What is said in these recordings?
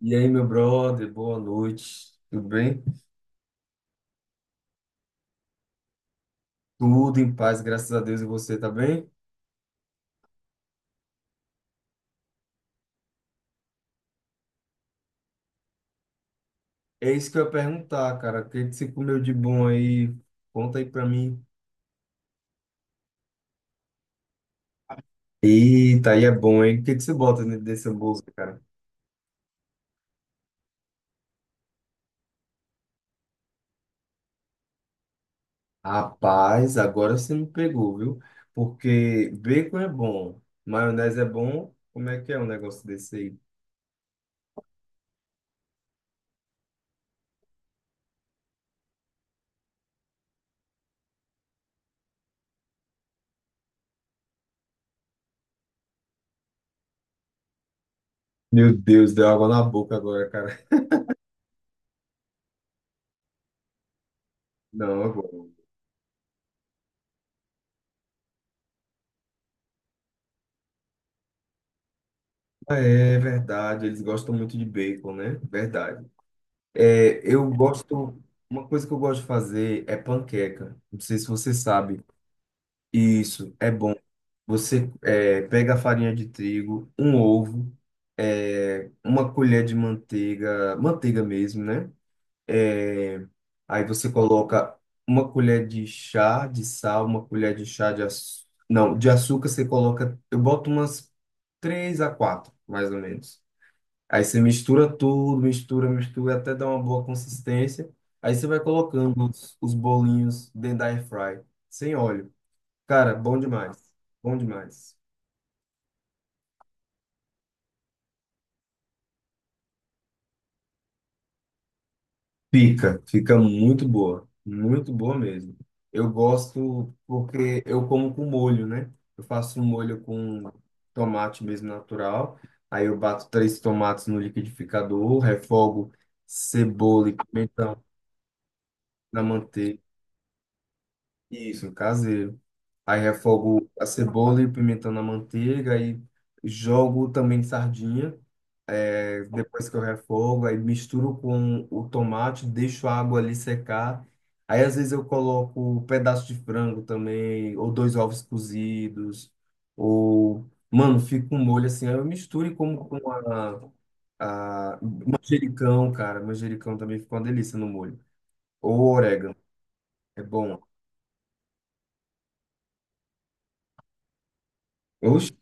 E aí, meu brother, boa noite. Tudo bem? Tudo em paz, graças a Deus. E você tá bem? É isso que eu ia perguntar, cara. O que que você comeu de bom aí? Conta aí pra mim. Eita, aí é bom, hein? O que que você bota dentro dessa bolsa, cara? Rapaz, agora você me pegou, viu? Porque bacon é bom, maionese é bom. Como é que é um negócio desse aí? Meu Deus, deu água na boca agora, cara. Não, é bom. Ah, é verdade, eles gostam muito de bacon, né? Verdade. É, eu gosto. Uma coisa que eu gosto de fazer é panqueca. Não sei se você sabe. Isso. Pega a farinha de trigo, um ovo, uma colher de manteiga, manteiga mesmo, né? É, aí você coloca uma colher de chá de sal, uma colher de chá de açúcar. Não, de açúcar você coloca. Eu boto umas três a quatro, mais ou menos. Aí você mistura tudo, mistura, mistura, até dar uma boa consistência. Aí você vai colocando os bolinhos dentro da air fry, sem óleo. Cara, bom demais. Bom demais. Fica, fica muito boa. Muito boa mesmo. Eu gosto porque eu como com molho, né? Eu faço um molho com tomate mesmo natural. Aí eu bato três tomates no liquidificador, refogo cebola e pimentão na manteiga. Isso, caseiro. Aí refogo a cebola e o pimentão na manteiga, aí jogo também sardinha. É, depois que eu refogo, aí misturo com o tomate, deixo a água ali secar. Aí às vezes eu coloco um pedaço de frango também, ou dois ovos cozidos, ou, mano, fica um molho assim. Aí eu misturo e como com a manjericão, cara. Manjericão também fica uma delícia no molho. Ou orégano, é bom. Oxi.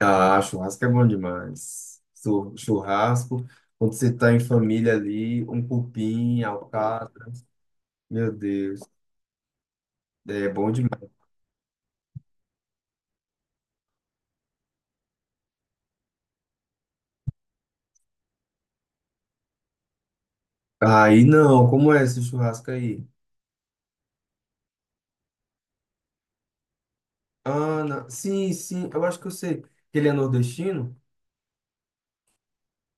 Ah, churrasco é bom demais. Churrasco, quando você tá em família ali, um cupim, alcatra. Meu Deus, é bom demais. Aí não, como é esse churrasco aí? Ana, sim, sim, eu acho que eu sei. Que ele é nordestino?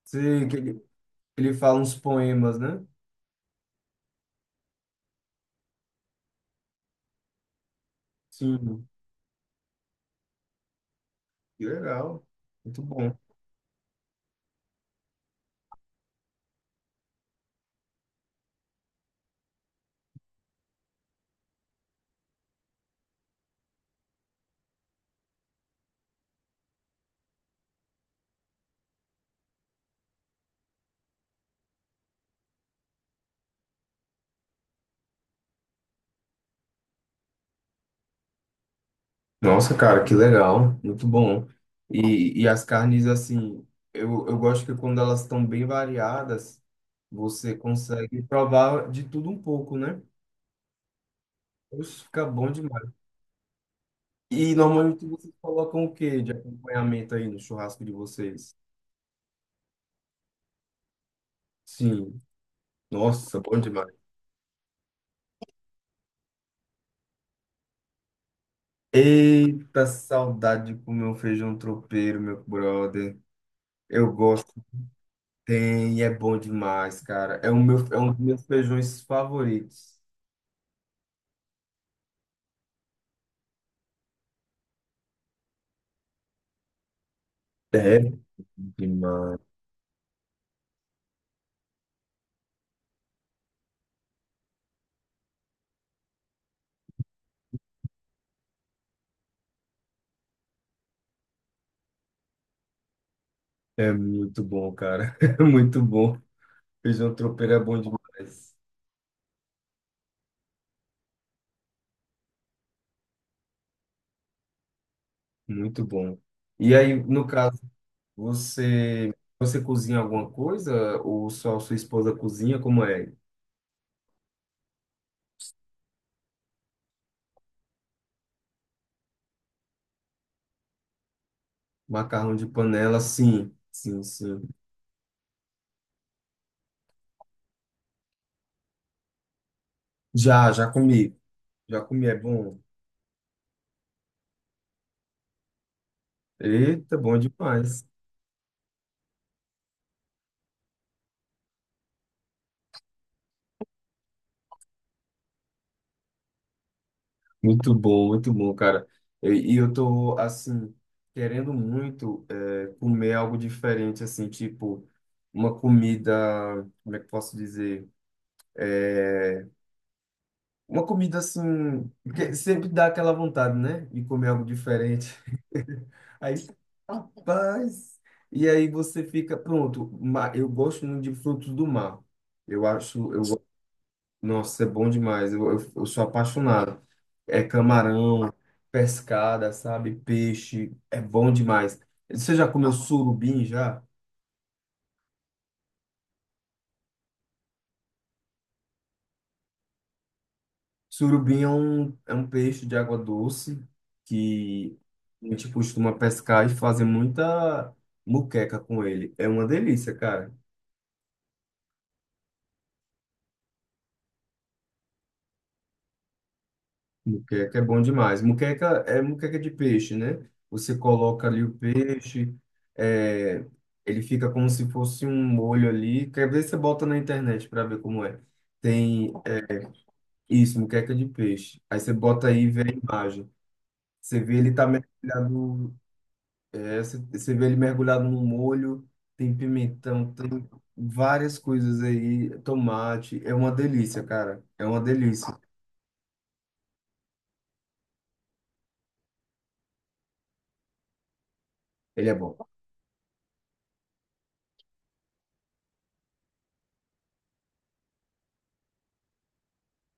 Sei, que ele fala uns poemas, né? Sim, que legal, muito bom. Nossa, cara, que legal, muito bom. E as carnes, assim, eu gosto que quando elas estão bem variadas, você consegue provar de tudo um pouco, né? Isso fica bom demais. E normalmente vocês colocam o quê de acompanhamento aí no churrasco de vocês? Sim, nossa, bom demais. Eita, saudade de comer um feijão tropeiro, meu brother. Eu gosto, tem, é bom demais, cara. É, o meu, é um dos meus feijões favoritos. É demais. É muito bom, cara. É muito bom. Feijão tropeiro é bom demais. Muito bom. E aí, no caso, você você cozinha alguma coisa ou só sua esposa cozinha? Como é? Macarrão de panela, sim. Sim, sim. Já, já comi. Já comi, é bom. Eita, bom demais. Muito bom, cara. E eu tô, assim, querendo muito é, comer algo diferente, assim, tipo, uma comida, como é que eu posso dizer? Uma comida, assim, porque sempre dá aquela vontade, né? De comer algo diferente. Aí, rapaz! E aí você fica, pronto, eu gosto muito de frutos do mar. Eu acho, nossa, é bom demais. Eu sou apaixonado. É camarão, pescada, sabe? Peixe. É bom demais. Você já comeu surubim já? Surubim é um peixe de água doce que a gente costuma pescar e fazer muita muqueca com ele. É uma delícia, cara. Muqueca é bom demais. Muqueca é muqueca de peixe, né? Você coloca ali o peixe, é, ele fica como se fosse um molho ali. Quer ver? Você bota na internet para ver como é. Tem isso, muqueca de peixe. Aí você bota aí e vê a imagem. Você vê ele tá mergulhado, é, você vê ele mergulhado no molho, tem pimentão, tem várias coisas aí, tomate. É uma delícia, cara. É uma delícia. Ele é bom.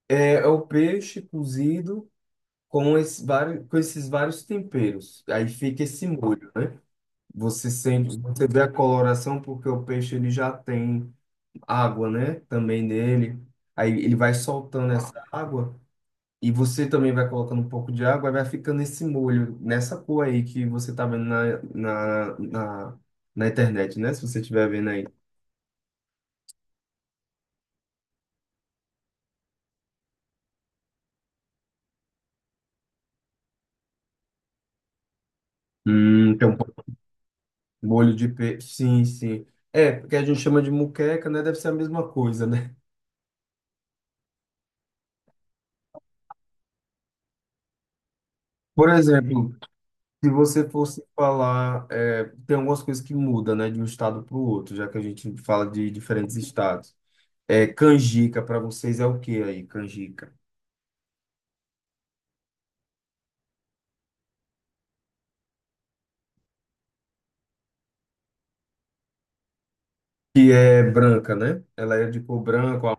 É o peixe cozido. Com, esse vários, com esses vários temperos. Aí fica esse molho, né? Você sente, você vê a coloração porque o peixe ele já tem água, né? Também nele. Aí ele vai soltando essa água e você também vai colocando um pouco de água e vai ficando esse molho, nessa cor aí que você tá vendo na internet, né? Se você estiver vendo aí. Tem um pouco de molho de peixe. Sim, sim. É, porque a gente chama de muqueca, né? Deve ser a mesma coisa, né? Por exemplo, se você fosse falar, é, tem algumas coisas que mudam, né, de um estado para o outro, já que a gente fala de diferentes estados. É, canjica para vocês é o que aí, canjica? Que é branca, né? Ela é de cor branca, ó.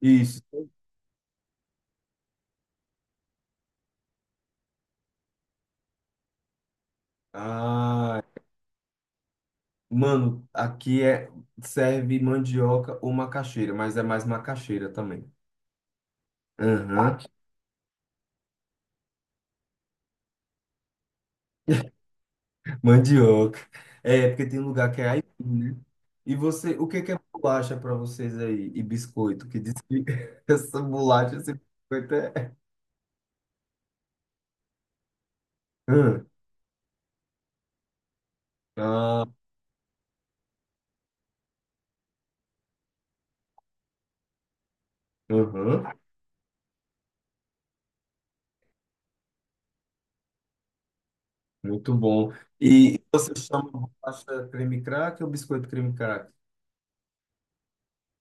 Isso. Ah, mano, aqui é serve mandioca ou macaxeira, mas é mais macaxeira também. Aham. Mandioca. É, porque tem um lugar que é aipim, né? E você, o que que é bolacha para vocês aí? E biscoito, que diz que essa bolacha, esse biscoito é... Hum. Ah, uhum. Muito bom. E você chama bolacha creme crack ou biscoito creme crack?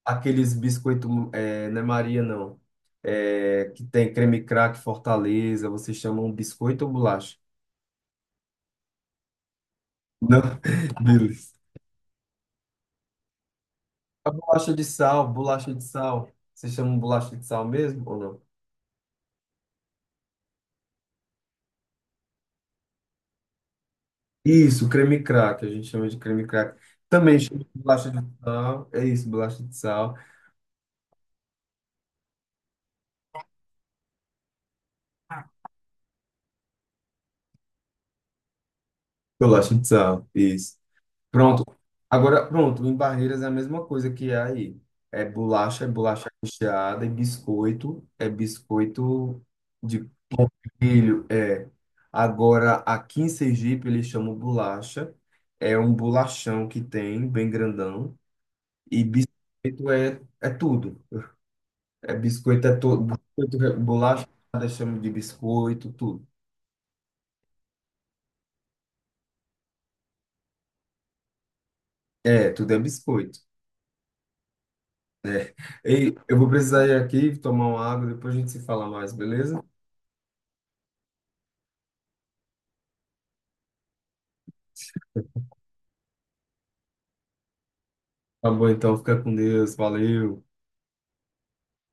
Aqueles biscoito, é, não é Maria, não. É, que tem creme crack, Fortaleza, vocês chamam biscoito ou bolacha? Não, beleza. A bolacha de sal, bolacha de sal. Vocês chamam bolacha de sal mesmo ou não? Isso, creme crack, a gente chama de creme crack. Também chama de bolacha de sal. É isso, bolacha de sal. Bolacha de sal, isso. Pronto. Agora, pronto, em Barreiras é a mesma coisa que é aí. É bolacha recheada, e biscoito, é biscoito de milho, é. Agora, aqui em Sergipe, eles chamam bolacha. É um bolachão que tem, bem grandão. E biscoito é, é tudo. É biscoito, é tudo. Biscoito, bolacha, chama de biscoito, tudo. É, tudo é biscoito. Ei, eu vou precisar ir aqui tomar uma água, depois a gente se fala mais, beleza? Tá bom, então fica com Deus, valeu.